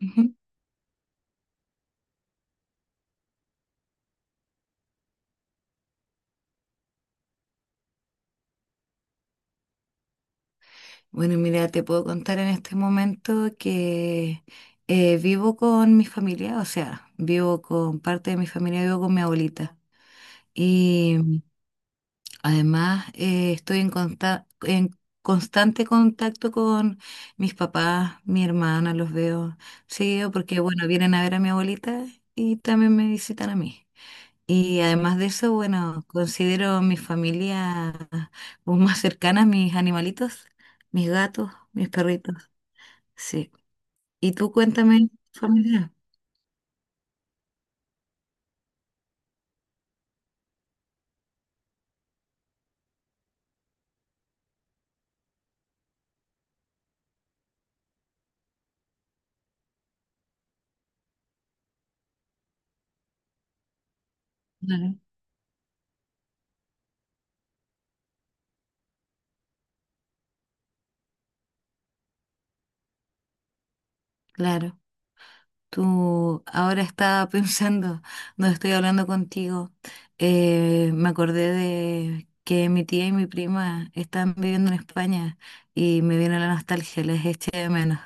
Ujú. Bueno, mira, te puedo contar en este momento que vivo con mi familia, o sea, vivo con parte de mi familia, vivo con mi abuelita. Y además estoy en constante contacto con mis papás, mi hermana, los veo seguido porque, bueno, vienen a ver a mi abuelita y también me visitan a mí. Y además de eso, bueno, considero mi familia como más cercana, mis animalitos, mis gatos, mis perritos, sí. Y tú cuéntame, familia. Claro. Claro, tú ahora estaba pensando, no estoy hablando contigo, me acordé de que mi tía y mi prima están viviendo en España y me vino la nostalgia, les eché de menos.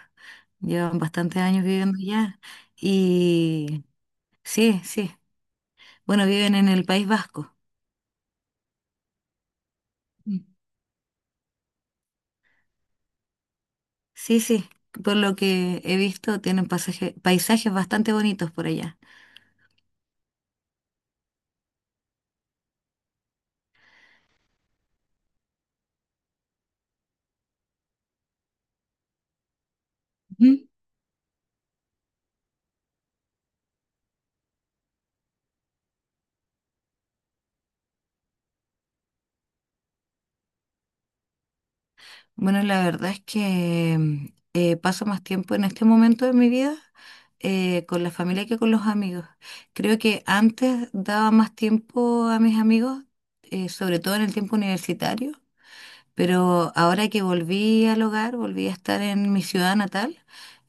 Llevan bastantes años viviendo allá y sí, sí. Bueno, viven en el País Vasco. Mm. Sí, sí. Por lo que he visto, tienen paisajes bastante bonitos por allá. Ujú. Bueno, la verdad es que paso más tiempo en este momento de mi vida con la familia que con los amigos. Creo que antes daba más tiempo a mis amigos, sobre todo en el tiempo universitario. Pero ahora que volví al hogar, volví a estar en mi ciudad natal,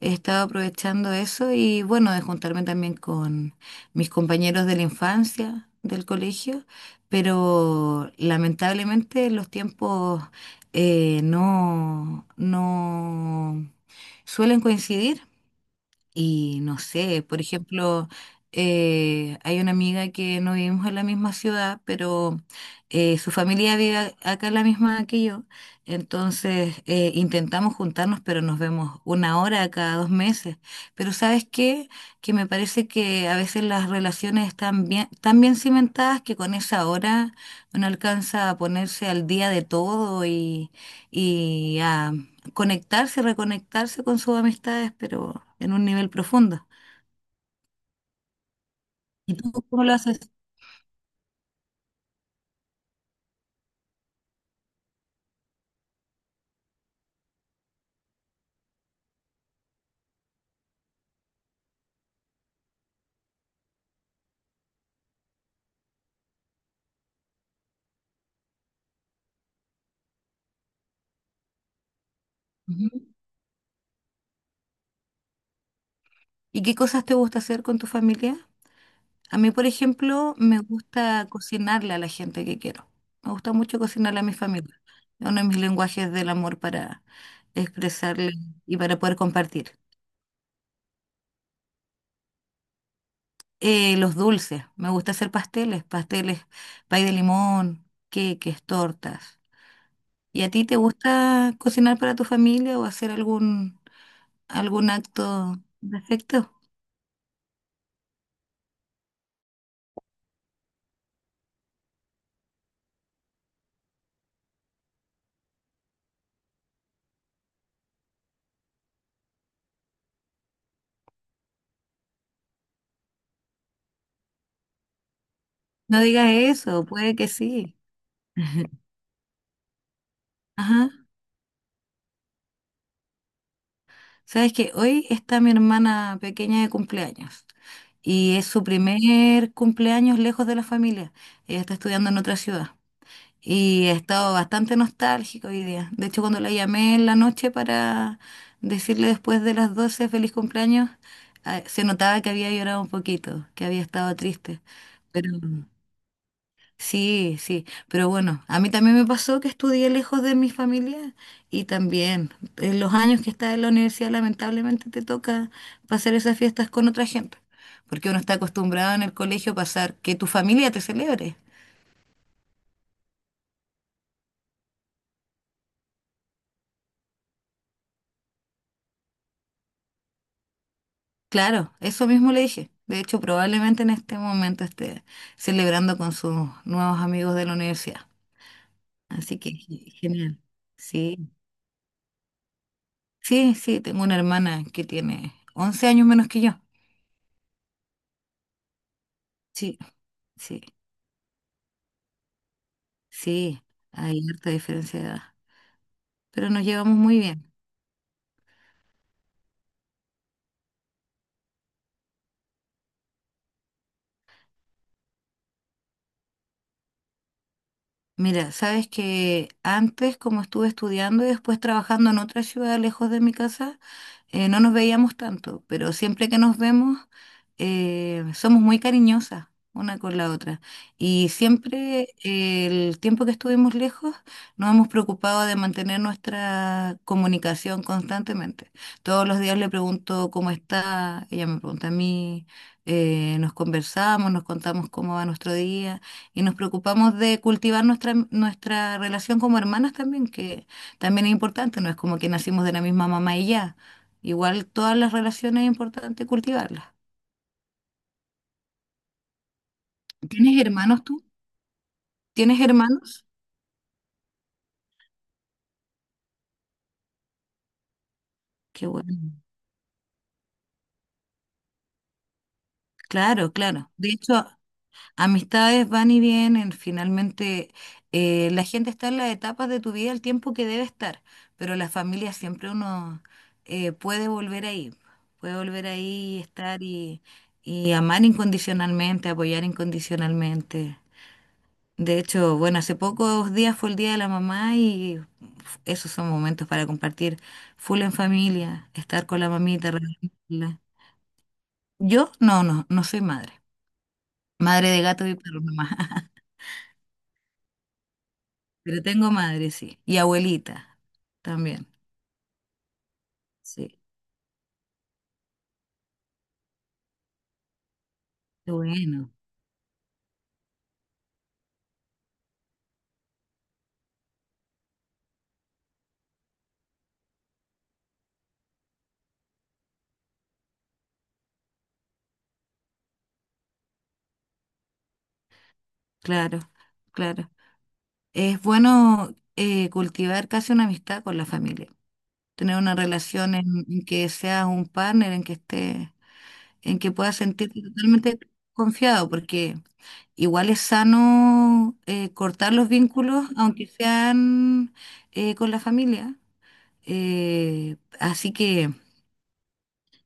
he estado aprovechando eso y bueno, de juntarme también con mis compañeros de la infancia, del colegio, pero lamentablemente los tiempos no, no suelen coincidir. Y no sé, por ejemplo, hay una amiga que no vivimos en la misma ciudad, pero su familia vive acá en la misma que yo. Entonces intentamos juntarnos, pero nos vemos una hora cada 2 meses. Pero ¿sabes qué? Que me parece que a veces las relaciones están bien, tan bien cimentadas que con esa hora uno alcanza a ponerse al día de todo y a conectarse, reconectarse con sus amistades, pero en un nivel profundo. ¿Y tú cómo lo haces? Ujú. ¿Y qué cosas te gusta hacer con tu familia? A mí, por ejemplo, me gusta cocinarle a la gente que quiero. Me gusta mucho cocinarle a mi familia. Es uno de mis lenguajes del amor para expresarle y para poder compartir. Los dulces, me gusta hacer pasteles, pasteles, pay de limón, queques, tortas. ¿Y a ti te gusta cocinar para tu familia o hacer algún acto de afecto. No digas eso, puede que sí. Ajá. Sabes que hoy está mi hermana pequeña de cumpleaños y es su primer cumpleaños lejos de la familia. Ella está estudiando en otra ciudad y he estado bastante nostálgico hoy día. De hecho, cuando la llamé en la noche para decirle después de las 12 feliz cumpleaños, ah, se notaba que había llorado un poquito, que había estado triste. Pero sí, sí, pero bueno, a mí también me pasó que estudié lejos de mi familia y también en los años que estás en la universidad lamentablemente te toca pasar esas fiestas con otra gente, porque uno está acostumbrado en el colegio a pasar que tu familia te celebre. Claro, eso mismo le dije. De hecho, probablemente en este momento esté celebrando con sus nuevos amigos de la universidad. Así que genial. Sí, sí, sí, tengo una hermana que tiene 11 años menos que yo. Sí, sí. Sí, hay harta diferencia de edad, pero nos llevamos muy bien. Mira, sabes que antes, como estuve estudiando y después trabajando en otra ciudad lejos de mi casa, no nos veíamos tanto, pero siempre que nos vemos, somos muy cariñosas una con la otra. Y siempre el tiempo que estuvimos lejos, nos hemos preocupado de mantener nuestra comunicación constantemente. Todos los días le pregunto cómo está, ella me pregunta a mí, nos conversamos, nos contamos cómo va nuestro día. Y nos preocupamos de cultivar nuestra relación como hermanas también, que también es importante, no es como que nacimos de la misma mamá y ya. Igual todas las relaciones es importante cultivarlas. ¿Tienes hermanos tú? ¿Tienes hermanos? Qué bueno. Claro, claro. De hecho, amistades van y vienen, finalmente la gente está en las etapas de tu vida el tiempo que debe estar, pero la familia siempre uno eh, puede volver ahí, puede volver ahí y estar y amar incondicionalmente, apoyar incondicionalmente. De hecho, bueno, hace pocos días fue el Día de la Mamá y esos son momentos para compartir full en familia, estar con la mamita, regalarla. Yo no, no, no soy madre, madre de gatos y perros nomás. Pero tengo madre, sí. Y abuelita también, sí. Qué bueno, claro, claro. Es bueno cultivar casi una amistad con la familia, tener una relación en que seas un partner, en que esté, en que puedas sentirte totalmente confiado, porque igual es sano cortar los vínculos, aunque sean con la familia. Así que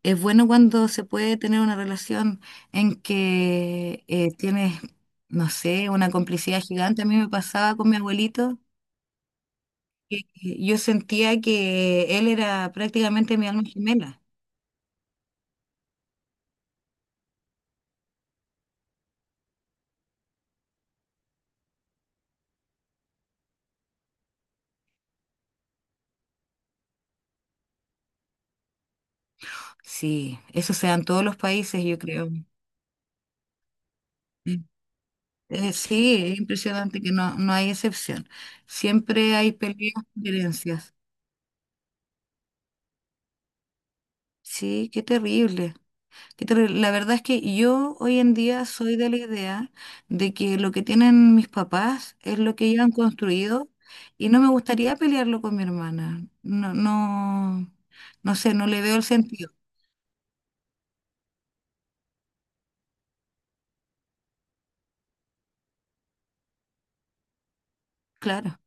es bueno cuando se puede tener una relación en que tienes, no sé, una complicidad gigante. A mí me pasaba con mi abuelito y yo sentía que él era prácticamente mi alma gemela. Sí, eso se da en todos los países, yo creo. Mm. Sí, es impresionante que no, no hay excepción. Siempre hay peleas, diferencias. Sí, qué terrible. Pero la verdad es que yo hoy en día soy de la idea de que lo que tienen mis papás es lo que ellos han construido y no me gustaría pelearlo con mi hermana. No, no, no sé, no le veo el sentido. Claro,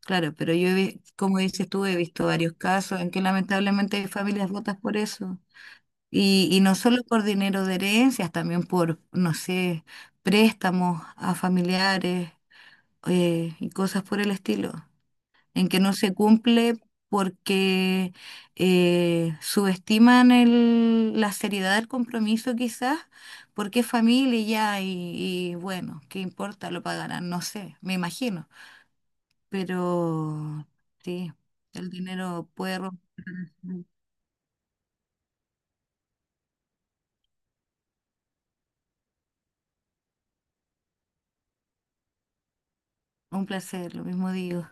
claro, pero yo, como dices tú, he visto varios casos en que lamentablemente hay familias rotas por eso. Y no solo por dinero de herencias, también por, no sé, préstamos a familiares y cosas por el estilo. En que no se cumple porque subestiman la seriedad del compromiso quizás, porque es familia y ya, y bueno, ¿qué importa? Lo pagarán, no sé, me imagino. Pero sí, el dinero puede romper un placer, lo mismo digo.